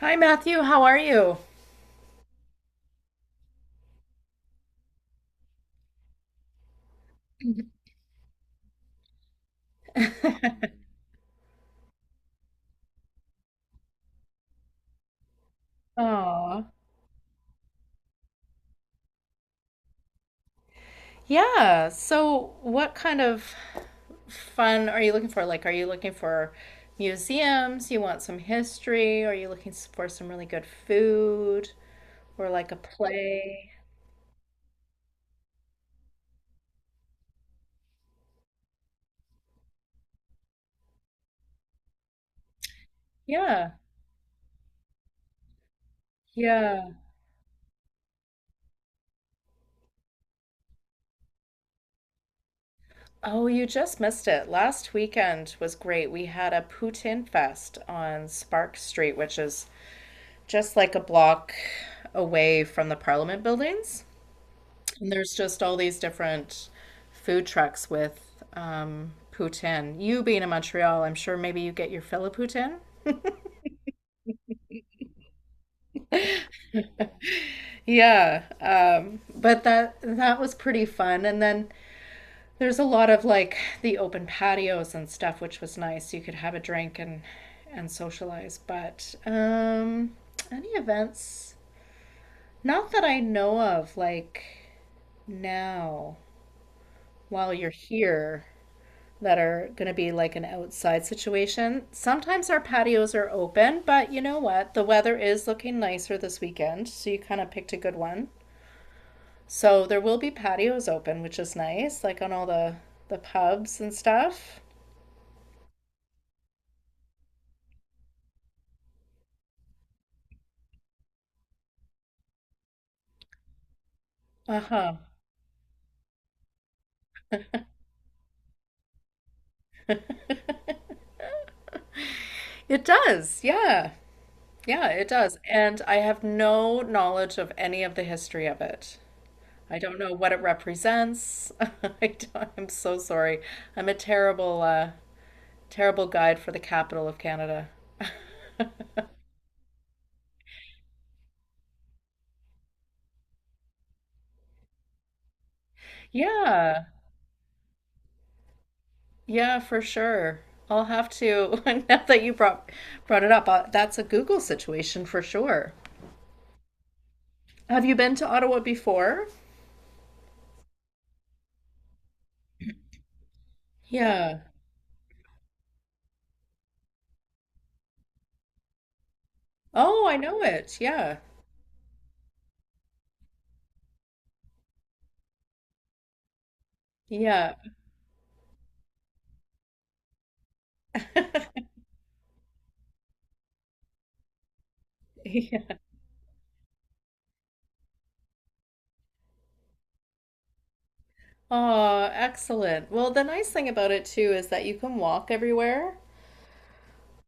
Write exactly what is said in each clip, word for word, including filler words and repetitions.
Hi, Matthew. How are you? Oh, yeah. So, what kind of fun are you looking for? Like, are you looking for museums? You want some history? Are you looking s- for some really good food or like a play? Yeah. Yeah. Oh, you just missed it. Last weekend was great. We had a poutine fest on Spark Street, which is just like a block away from the Parliament buildings. And there's just all these different food trucks with um, poutine. You being in Montreal, I'm sure maybe you get your fill of poutine. Yeah, um, but that that was pretty fun. And then there's a lot of like the open patios and stuff, which was nice. You could have a drink and and socialize. But um, any events? Not that I know of. Like now, while you're here, that are going to be like an outside situation. Sometimes our patios are open, but you know what? The weather is looking nicer this weekend, so you kind of picked a good one. So there will be patios open, which is nice, like on all the the pubs and stuff. Uh-huh. It does. Yeah. Yeah, it does. And I have no knowledge of any of the history of it. I don't know what it represents. I don't, I'm so sorry. I'm a terrible uh terrible guide for the capital of Canada. Yeah, yeah, for sure. I'll have to, now that you brought brought it up, uh, that's a Google situation for sure. Have you been to Ottawa before? Yeah. Oh, I know it. Yeah. Yeah. Yeah. Oh, excellent. Well, the nice thing about it too is that you can walk everywhere,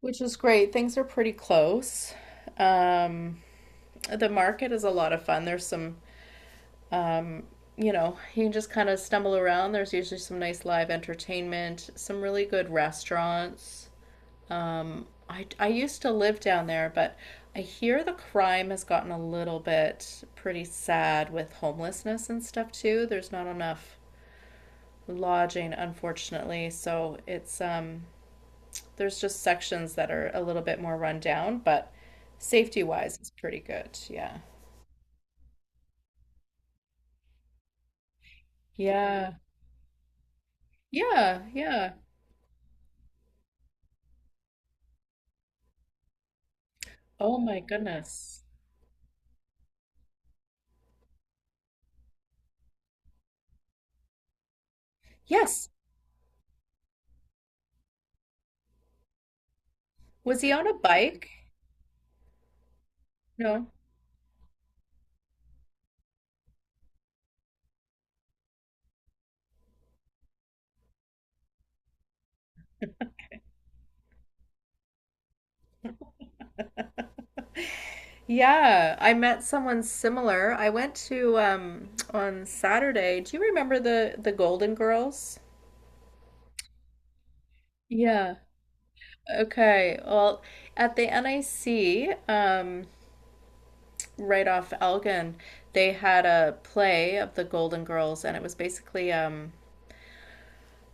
which is great. Things are pretty close. Um, the market is a lot of fun. There's some um, you know, you can just kind of stumble around. There's usually some nice live entertainment, some really good restaurants. I, I used to live down there, but I hear the crime has gotten a little bit pretty sad with homelessness and stuff too. There's not enough lodging, unfortunately. So it's, um, there's just sections that are a little bit more run down, but safety wise, it's pretty good. Yeah. Yeah. Yeah. Yeah. Oh my goodness. Yes. Was he on a bike? No. Yeah, I met someone similar. I went to um on Saturday. Do you remember the the Golden Girls? Yeah. Okay. Well, at the N I C, um, right off Elgin, they had a play of the Golden Girls, and it was basically um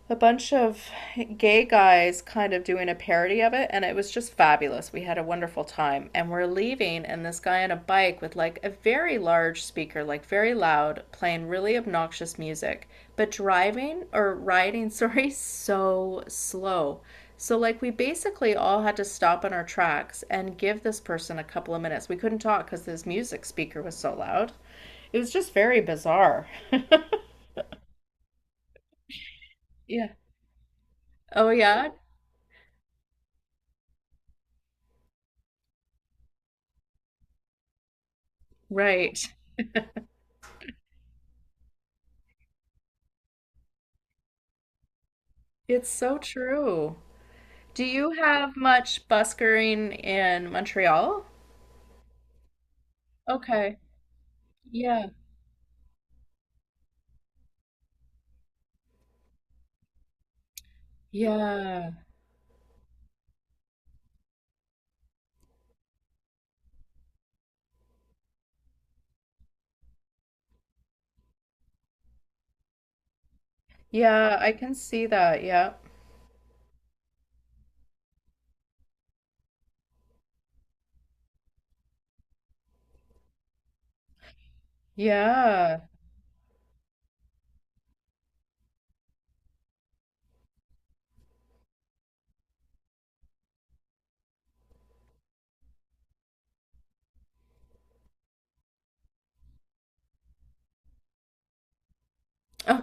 a bunch of gay guys kind of doing a parody of it, and it was just fabulous. We had a wonderful time, and we're leaving, and this guy on a bike with like a very large speaker, like very loud, playing really obnoxious music, but driving or riding, sorry, so slow. So, like, we basically all had to stop in our tracks and give this person a couple of minutes. We couldn't talk because this music speaker was so loud. It was just very bizarre. Yeah. Oh, yeah. Right. It's so true. Do you have much buskering in Montreal? Okay. Yeah. Yeah. Yeah, I can see that. Yeah. Yeah. Oh.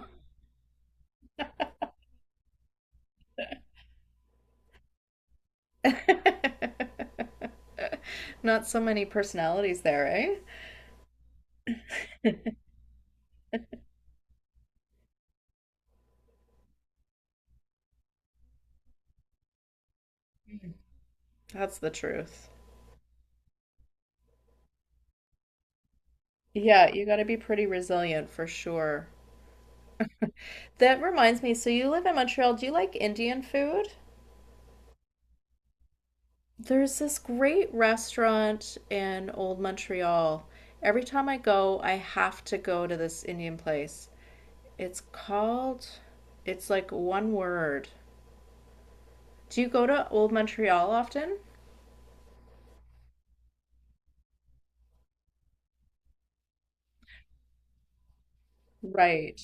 Not so many personalities there, eh? Mm. That's the truth. Yeah, you got to be pretty resilient for sure. That reminds me, so you live in Montreal. Do you like Indian food? There's this great restaurant in Old Montreal. Every time I go, I have to go to this Indian place. It's called, it's like one word. Do you go to Old Montreal often? Right.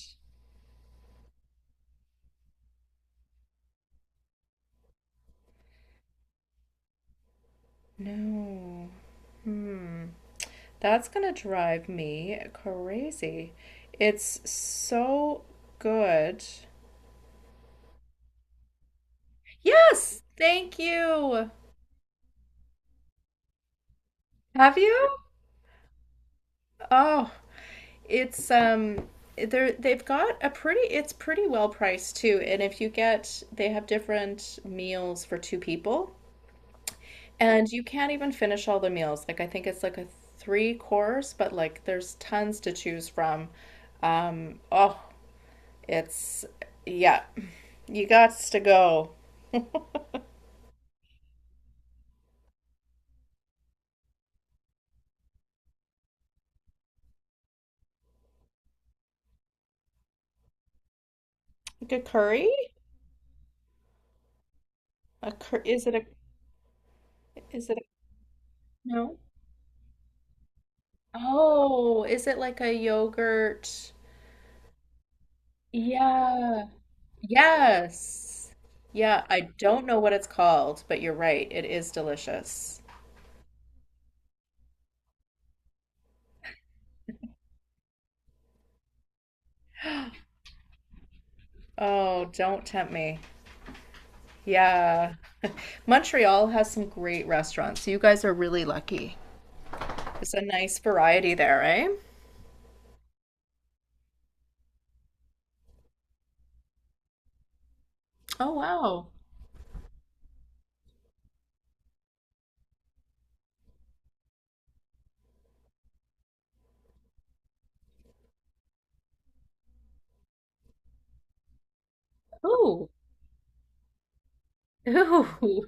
No. Hmm. That's gonna drive me crazy. It's so good. Yes, thank you. Have you? Oh, it's um they're they've got a pretty it's pretty well priced too. And if you get they have different meals for two people. And you can't even finish all the meals. Like I think it's like a three course, but like there's tons to choose from. Um, oh, it's yeah. You got to go. Like a curry? A cur is it a is it a no? Oh, is it like a yogurt? Yeah. Yes. Yeah, I don't know what it's called, but you're right. It is delicious. Oh, don't tempt me. Yeah. Montreal has some great restaurants. You guys are really lucky. There's a nice variety there, eh? Oh, wow. Ooh. Ooh.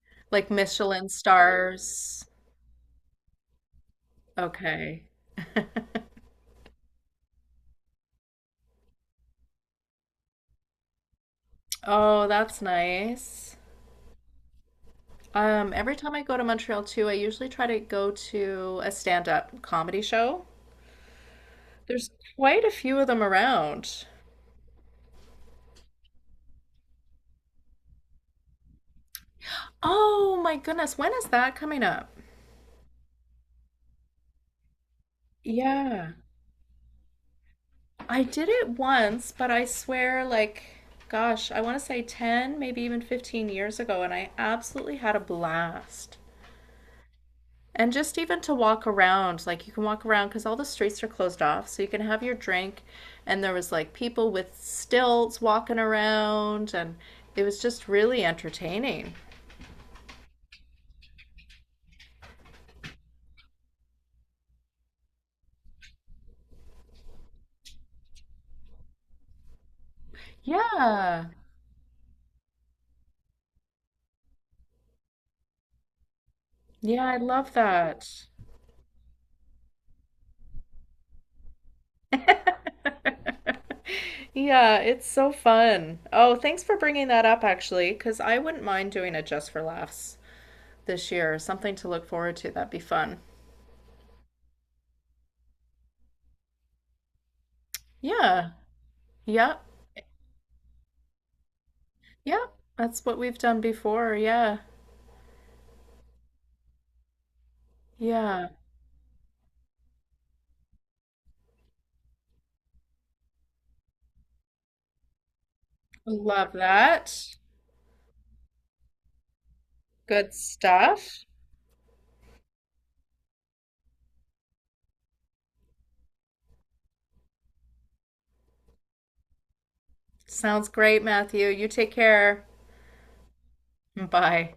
Like Michelin stars. Okay. Oh, that's nice. Um, every time I go to Montreal too, I usually try to go to a stand-up comedy show. There's quite a few of them around. Oh my goodness, when is that coming up? Yeah. I did it once, but I swear, like, gosh, I want to say ten, maybe even fifteen years ago, and I absolutely had a blast. And just even to walk around, like, you can walk around because all the streets are closed off, so you can have your drink. And there was like people with stilts walking around, and it was just really entertaining. Yeah. Yeah, I love that. Yeah, it's so fun. Oh, thanks for bringing that up, actually, because I wouldn't mind doing it just for laughs this year. Something to look forward to. That'd be fun. Yeah. Yep. Yep. That's what we've done before. Yeah. Yeah. Love that. Good stuff. Sounds great, Matthew. You take care. Bye.